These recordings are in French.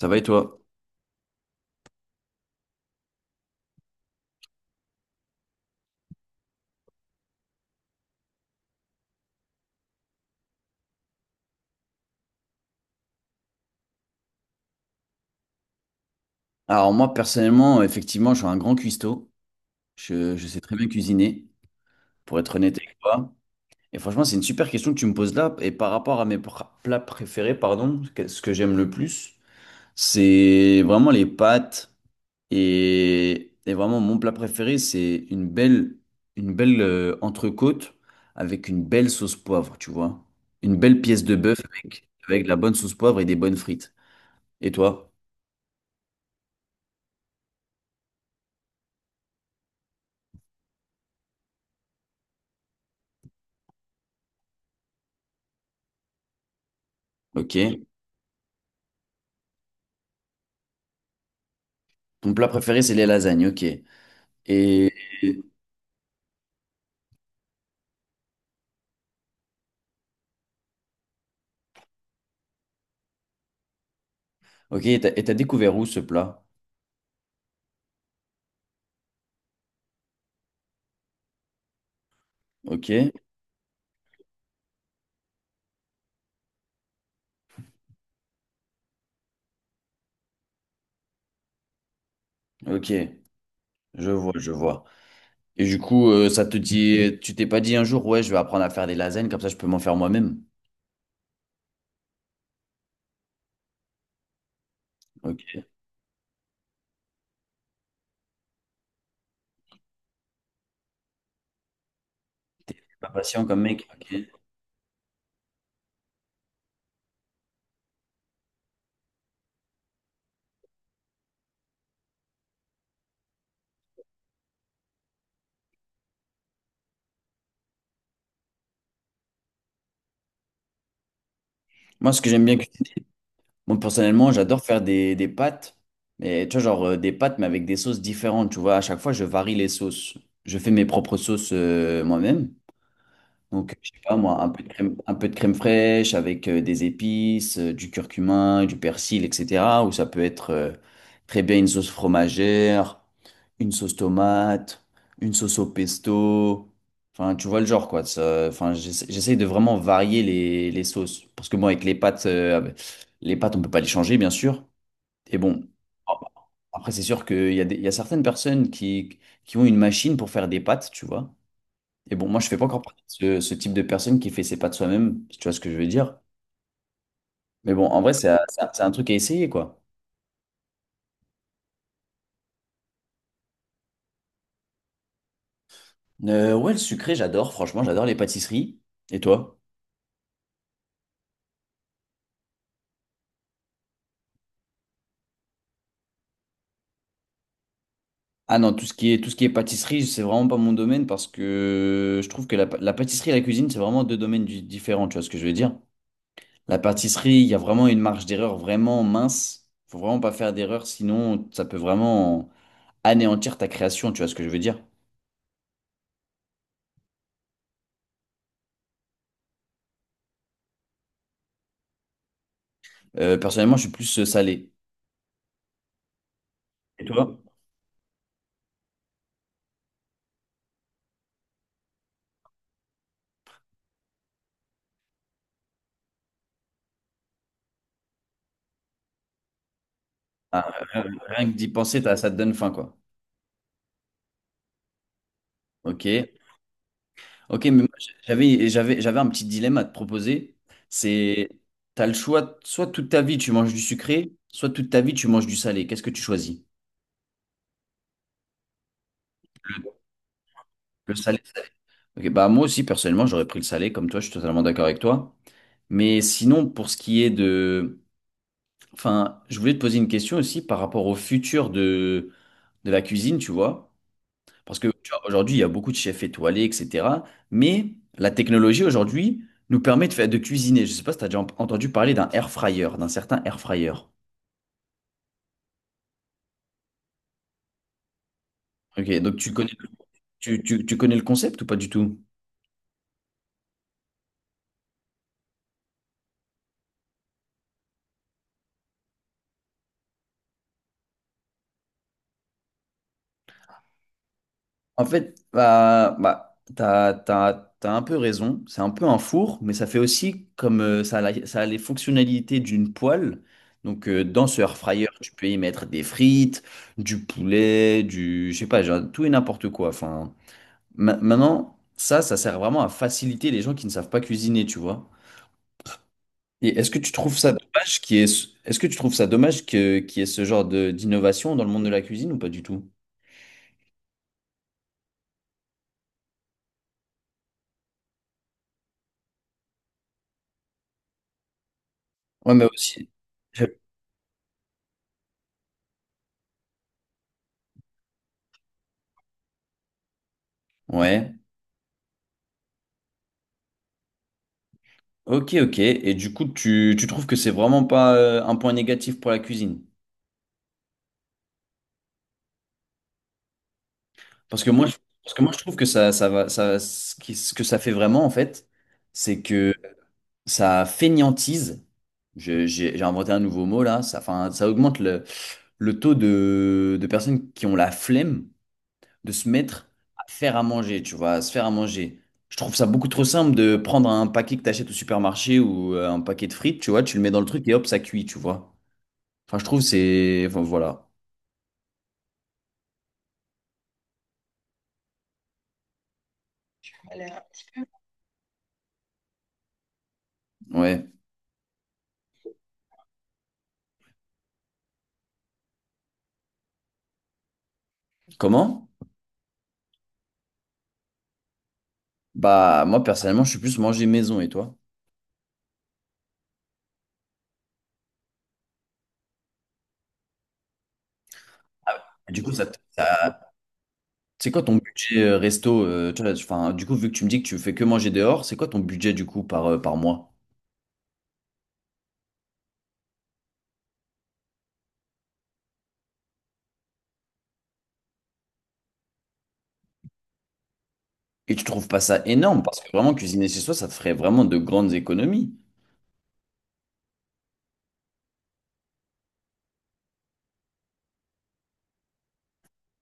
Ça va et toi? Alors moi personnellement, effectivement, je suis un grand cuistot. Je sais très bien cuisiner, pour être honnête avec toi. Et franchement, c'est une super question que tu me poses là. Et par rapport à mes plats préférés, pardon, ce que j'aime le plus, c'est vraiment les pâtes. Et vraiment, mon plat préféré, c'est une belle entrecôte avec une belle sauce poivre, tu vois. Une belle pièce de bœuf avec, avec de la bonne sauce poivre et des bonnes frites. Et toi? Ok. Ton plat préféré, c'est les lasagnes. Ok. Et, ok, et t'as découvert où ce plat? Ok, ok, je vois. Et du coup, ça te dit, tu t'es pas dit un jour, ouais, je vais apprendre à faire des lasagnes, comme ça je peux m'en faire moi-même. Ok, pas patient comme mec. Ok. Moi, ce que j'aime bien, moi personnellement, j'adore faire des pâtes, mais tu vois, genre des pâtes, mais avec des sauces différentes, tu vois. À chaque fois, je varie les sauces. Je fais mes propres sauces moi-même. Donc, je sais pas moi, un peu de crème, un peu de crème fraîche avec des épices, du curcuma, du persil, etc. Ou ça peut être très bien une sauce fromagère, une sauce tomate, une sauce au pesto. Enfin, tu vois le genre quoi. Enfin, j'essaye de vraiment varier les sauces. Parce que moi avec les pâtes, on peut pas les changer, bien sûr. Et bon, oh, après, c'est sûr qu'il y a il y a certaines personnes qui ont une machine pour faire des pâtes, tu vois. Et bon, moi, je fais pas encore partie de ce, ce type de personne qui fait ses pas de soi-même, si tu vois ce que je veux dire. Mais bon, en vrai, c'est un c'est un truc à essayer, quoi. Ouais, le sucré, j'adore, franchement, j'adore les pâtisseries. Et toi? Ah non, tout ce qui est, tout ce qui est pâtisserie, c'est vraiment pas mon domaine parce que je trouve que la, la pâtisserie et la cuisine, c'est vraiment deux domaines différents, tu vois ce que je veux dire? La pâtisserie, il y a vraiment une marge d'erreur vraiment mince. Faut vraiment pas faire d'erreur, sinon ça peut vraiment anéantir ta création, tu vois ce que je veux dire? Personnellement, je suis plus salé. Et toi? Ah, rien que d'y penser, ça te donne faim, quoi. Ok. Ok, mais moi, j'avais un petit dilemme à te proposer. C'est, t'as le choix, soit toute ta vie tu manges du sucré, soit toute ta vie tu manges du salé. Qu'est-ce que tu choisis? Le salé. Salé. Ok, bah moi aussi, personnellement, j'aurais pris le salé, comme toi, je suis totalement d'accord avec toi. Mais sinon, pour ce qui est de... Enfin, je voulais te poser une question aussi par rapport au futur de la cuisine, tu vois. Parce que tu vois, aujourd'hui, il y a beaucoup de chefs étoilés, etc. Mais la technologie aujourd'hui nous permet de faire de cuisiner. Je ne sais pas si tu as déjà entendu parler d'un air fryer, d'un certain air fryer. Ok, donc tu connais, tu connais le concept ou pas du tout? En fait, bah, t'as un peu raison. C'est un peu un four, mais ça fait aussi comme ça, ça a les fonctionnalités d'une poêle. Donc, dans ce air fryer, tu peux y mettre des frites, du poulet, du, je sais pas, genre, tout et n'importe quoi. Enfin, maintenant, ça sert vraiment à faciliter les gens qui ne savent pas cuisiner, tu vois. Et est-ce que tu trouves ça dommage qu'il y ait ce... est-ce que tu trouves ça dommage que qu'il y ait ce genre de d'innovation dans le monde de la cuisine ou pas du tout? Ouais, mais aussi. Je- Ouais. Ok, ok. Et du coup, tu trouves que c'est vraiment pas un point négatif pour la cuisine? Parce que moi, je, parce que moi, je trouve que ça va, ça, ce que ça fait vraiment, en fait, c'est que ça fainéantise. J'ai inventé un nouveau mot là. Ça, enfin, ça augmente le taux de personnes qui ont la flemme de se mettre à faire à manger, tu vois, à se faire à manger. Je trouve ça beaucoup trop simple de prendre un paquet que t'achètes au supermarché ou un paquet de frites, tu vois, tu le mets dans le truc et hop, ça cuit, tu vois. Enfin, je trouve c'est... Enfin, voilà. Ouais. Comment? Bah, moi, personnellement, je suis plus manger maison et toi? Du coup, c'est quoi ton budget resto? Tu vois, enfin, du coup, vu que tu me dis que tu fais que manger dehors, c'est quoi ton budget du coup par, par mois? Et tu trouves pas ça énorme parce que vraiment cuisiner chez soi, ça te ferait vraiment de grandes économies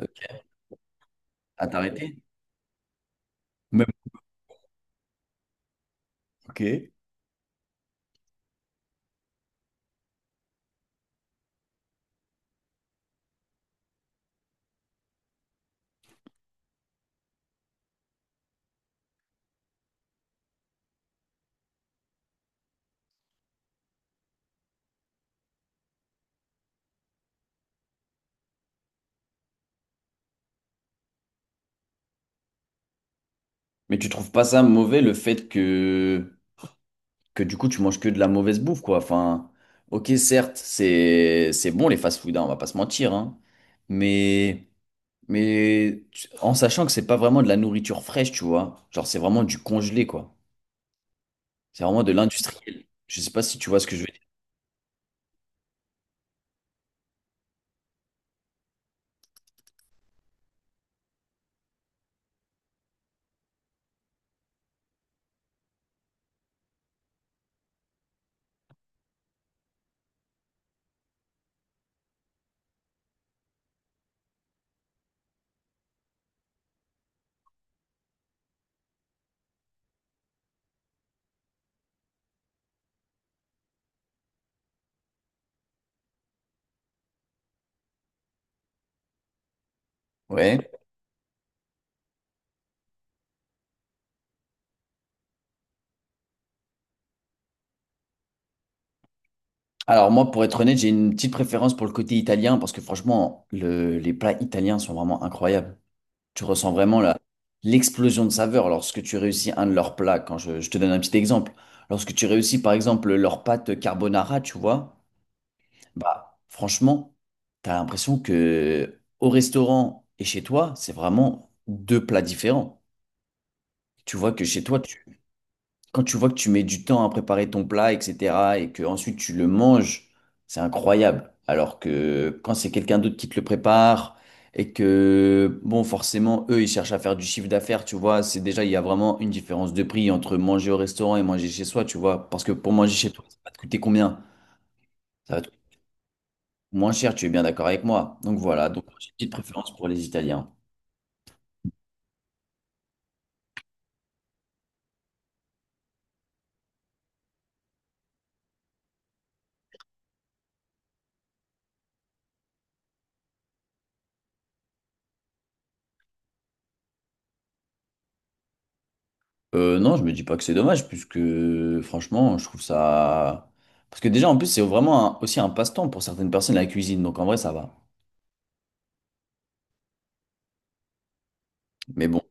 euh, à t'arrêter. Même ok. Mais tu trouves pas ça mauvais le fait que du coup tu manges que de la mauvaise bouffe quoi. Enfin, ok certes c'est bon les fast-food, hein, on va pas se mentir hein. Mais mais en sachant que c'est pas vraiment de la nourriture fraîche, tu vois. Genre c'est vraiment du congelé quoi. C'est vraiment de l'industriel. Je sais pas si tu vois ce que je veux dire. Ouais. Alors moi, pour être honnête, j'ai une petite préférence pour le côté italien parce que franchement, les plats italiens sont vraiment incroyables. Tu ressens vraiment la, l'explosion de saveur lorsque tu réussis un de leurs plats. Quand je te donne un petit exemple, lorsque tu réussis par exemple leur pâte carbonara, tu vois, bah franchement, t'as l'impression que au restaurant et chez toi, c'est vraiment deux plats différents. Tu vois que chez toi, quand tu vois que tu mets du temps à préparer ton plat, etc., et que ensuite tu le manges, c'est incroyable. Alors que quand c'est quelqu'un d'autre qui te le prépare et que, bon, forcément, eux, ils cherchent à faire du chiffre d'affaires, tu vois, c'est déjà, il y a vraiment une différence de prix entre manger au restaurant et manger chez soi, tu vois. Parce que pour manger chez toi, ça va te coûter combien? Ça va te coûter moins cher, tu es bien d'accord avec moi. Donc voilà, donc j'ai une petite préférence pour les Italiens. Non, je me dis pas que c'est dommage, puisque franchement, je trouve ça. Parce que déjà, en plus, c'est vraiment aussi un passe-temps pour certaines personnes, la cuisine, donc en vrai, ça va. Mais bon,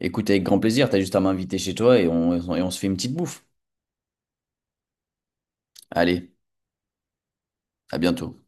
écoute, avec grand plaisir, t'as juste à m'inviter chez toi et on se fait une petite bouffe. Allez, à bientôt.